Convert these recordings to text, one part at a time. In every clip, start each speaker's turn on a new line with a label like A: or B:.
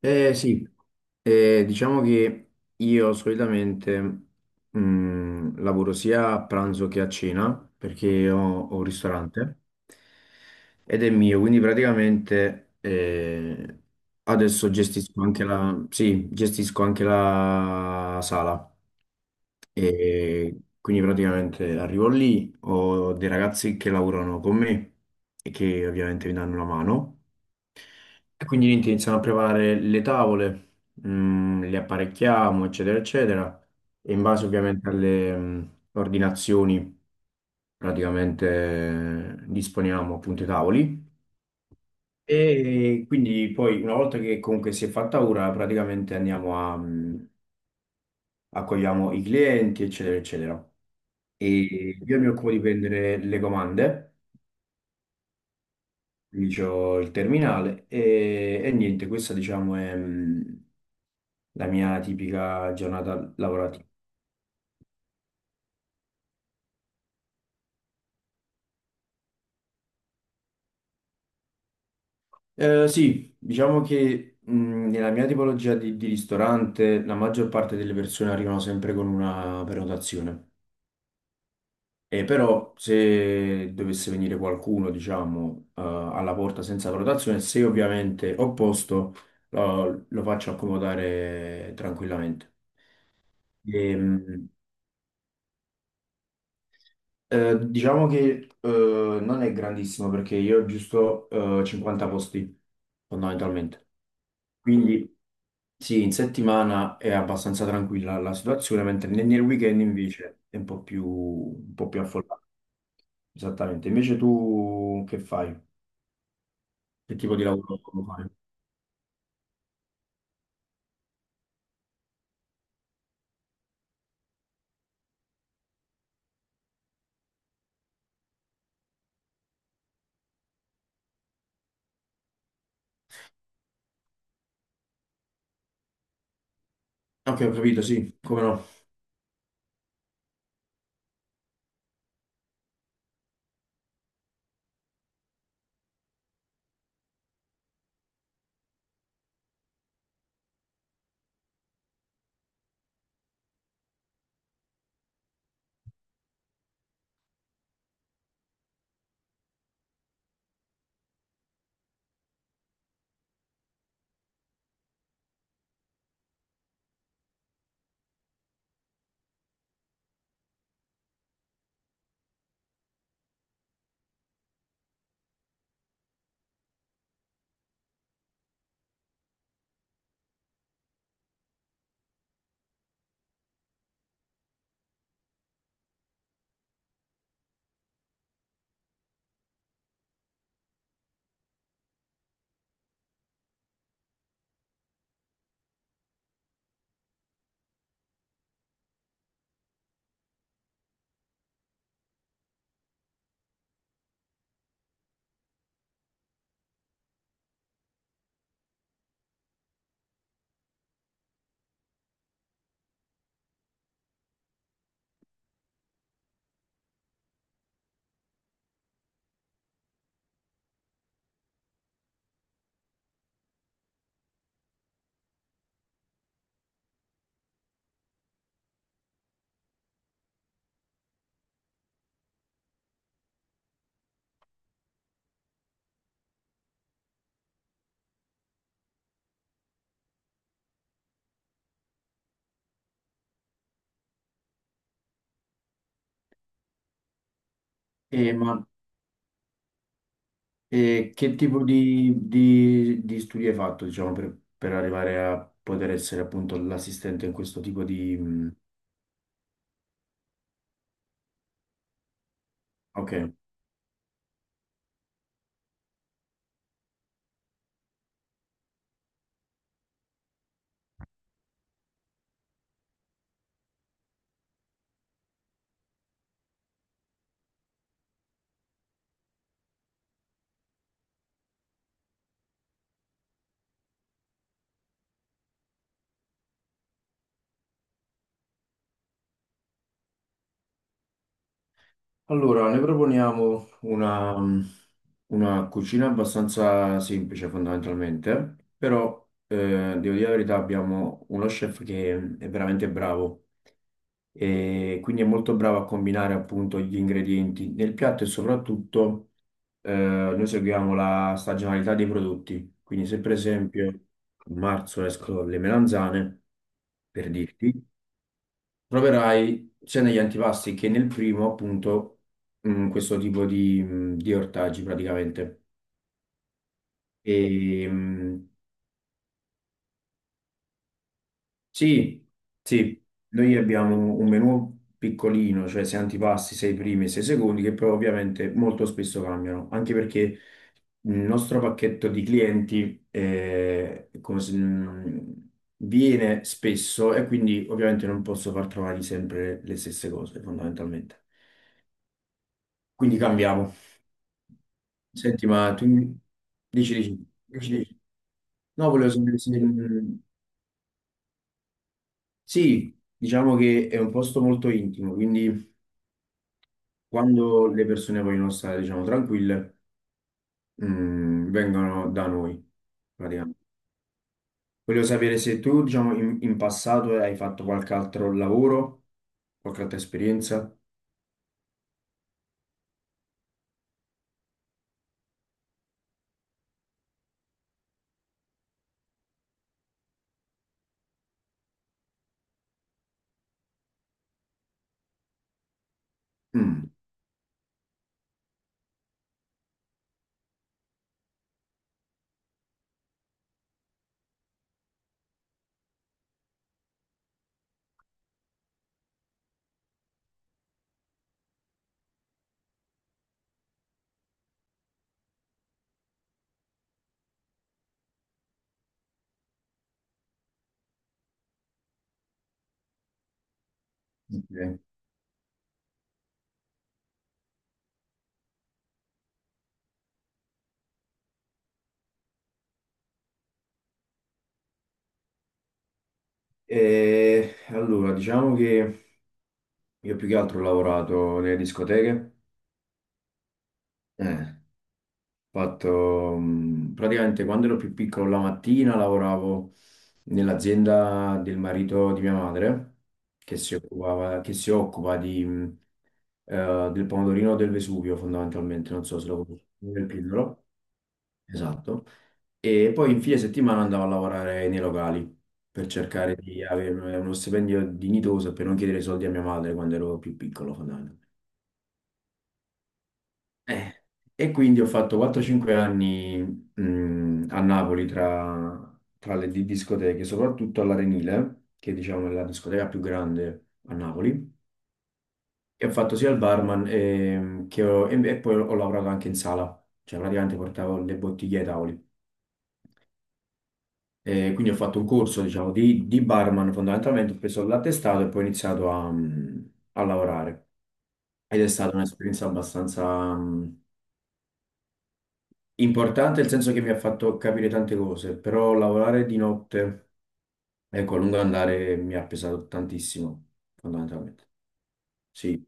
A: Eh, sì, diciamo che io solitamente lavoro sia a pranzo che a cena perché ho un ristorante ed è mio, quindi praticamente adesso gestisco anche sì, gestisco anche la sala. E quindi praticamente arrivo lì, ho dei ragazzi che lavorano con me e che ovviamente mi danno una mano. E quindi niente, iniziano a preparare le tavole, le apparecchiamo, eccetera, eccetera. E in base ovviamente alle ordinazioni, praticamente disponiamo appunto i tavoli. E quindi poi una volta che comunque si è fatta ora, praticamente accogliamo i clienti, eccetera, eccetera. E io mi occupo di prendere le comande, quindi c'ho il terminale e niente, questa diciamo è la mia tipica giornata lavorativa. Sì, diciamo che nella mia tipologia di ristorante la maggior parte delle persone arrivano sempre con una prenotazione. E però se dovesse venire qualcuno, diciamo, alla porta senza prenotazione, se ovviamente ho posto, lo faccio accomodare tranquillamente. Ehm, diciamo che non è grandissimo perché io ho giusto 50 posti fondamentalmente. Quindi sì, in settimana è abbastanza tranquilla la situazione, mentre nel weekend invece è un po' più affollata. Esattamente. Invece tu che fai? Che tipo di lavoro fai? Ok, ho capito, sì, come no. Eh, ma E che tipo di studi hai fatto, diciamo, per arrivare a poter essere appunto l'assistente in questo tipo di... Ok, allora ne proponiamo una cucina abbastanza semplice fondamentalmente, però devo dire la verità, abbiamo uno chef che è veramente bravo e quindi è molto bravo a combinare appunto gli ingredienti nel piatto, e soprattutto noi seguiamo la stagionalità dei prodotti. Quindi se per esempio a marzo escono le melanzane, per dirti, troverai sia negli antipasti che nel primo appunto questo tipo di ortaggi praticamente. E, mh, Sì, sì, noi abbiamo un menù piccolino, cioè sei antipasti, sei primi e sei secondi, che però ovviamente molto spesso cambiano, anche perché il nostro pacchetto di clienti come se- viene spesso e quindi ovviamente non posso far trovare sempre le stesse cose, fondamentalmente. Quindi cambiamo. Senti, ma tu dici. No, volevo sapere se... Sì, diciamo che è un posto molto intimo, quindi... Quando le persone vogliono stare, diciamo, tranquille, vengono da noi, praticamente. Voglio sapere se tu, diciamo, in passato hai fatto qualche altro lavoro, qualche altra esperienza. Mm, ok. E allora, diciamo che io più che altro ho lavorato nelle discoteche. Eh. Fatto, praticamente quando ero più piccolo la mattina lavoravo nell'azienda del marito di mia madre che si occupa di del pomodorino del Vesuvio fondamentalmente, non so se lo conosci, del Pindolo, esatto. E poi in fine settimana andavo a lavorare nei locali per cercare di avere uno stipendio dignitoso e per non chiedere soldi a mia madre quando ero più piccolo fondamentalmente. Eh, E quindi ho fatto 4-5 anni a Napoli tra le discoteche, soprattutto all'Arenile, che diciamo è la discoteca più grande a Napoli. E ho fatto sia il barman e poi ho lavorato anche in sala, cioè praticamente portavo le bottiglie ai tavoli. E quindi ho fatto un corso, diciamo, di barman fondamentalmente, ho preso l'attestato e poi ho iniziato a lavorare. Ed è stata un'esperienza abbastanza importante, nel senso che mi ha fatto capire tante cose, però lavorare di notte, ecco, a lungo andare mi ha pesato tantissimo, fondamentalmente. Sì.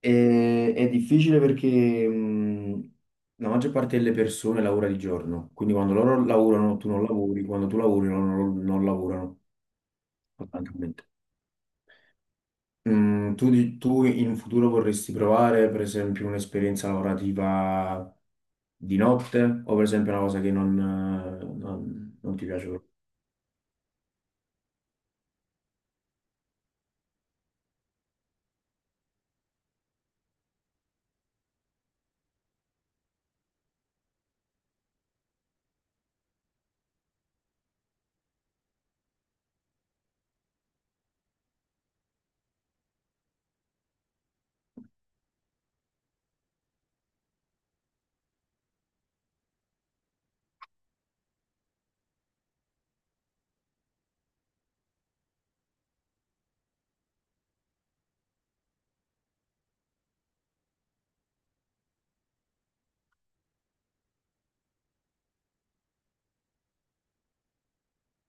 A: E- è difficile perché la maggior parte delle persone lavora di giorno, quindi quando loro lavorano tu non lavori, quando tu lavori loro non lavorano, fondamentalmente. Mm, tu in futuro vorresti provare, per esempio, un'esperienza lavorativa di notte, o per esempio una cosa che non ti piace proprio?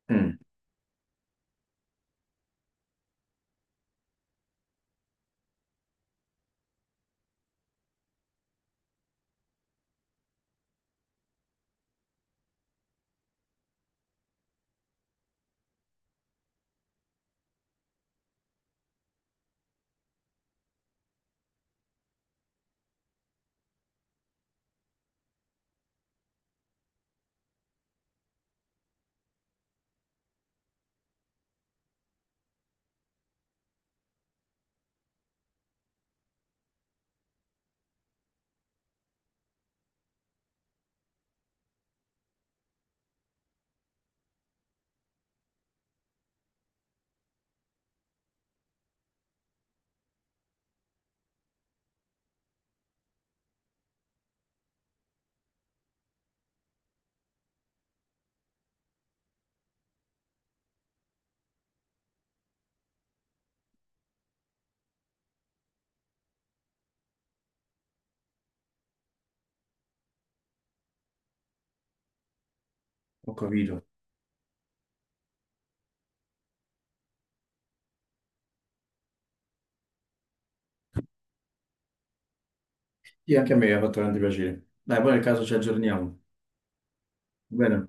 A: Mm. Ho capito. Sì, anche a me ha fatto grande piacere. Dai, poi nel caso ci aggiorniamo. Va bene?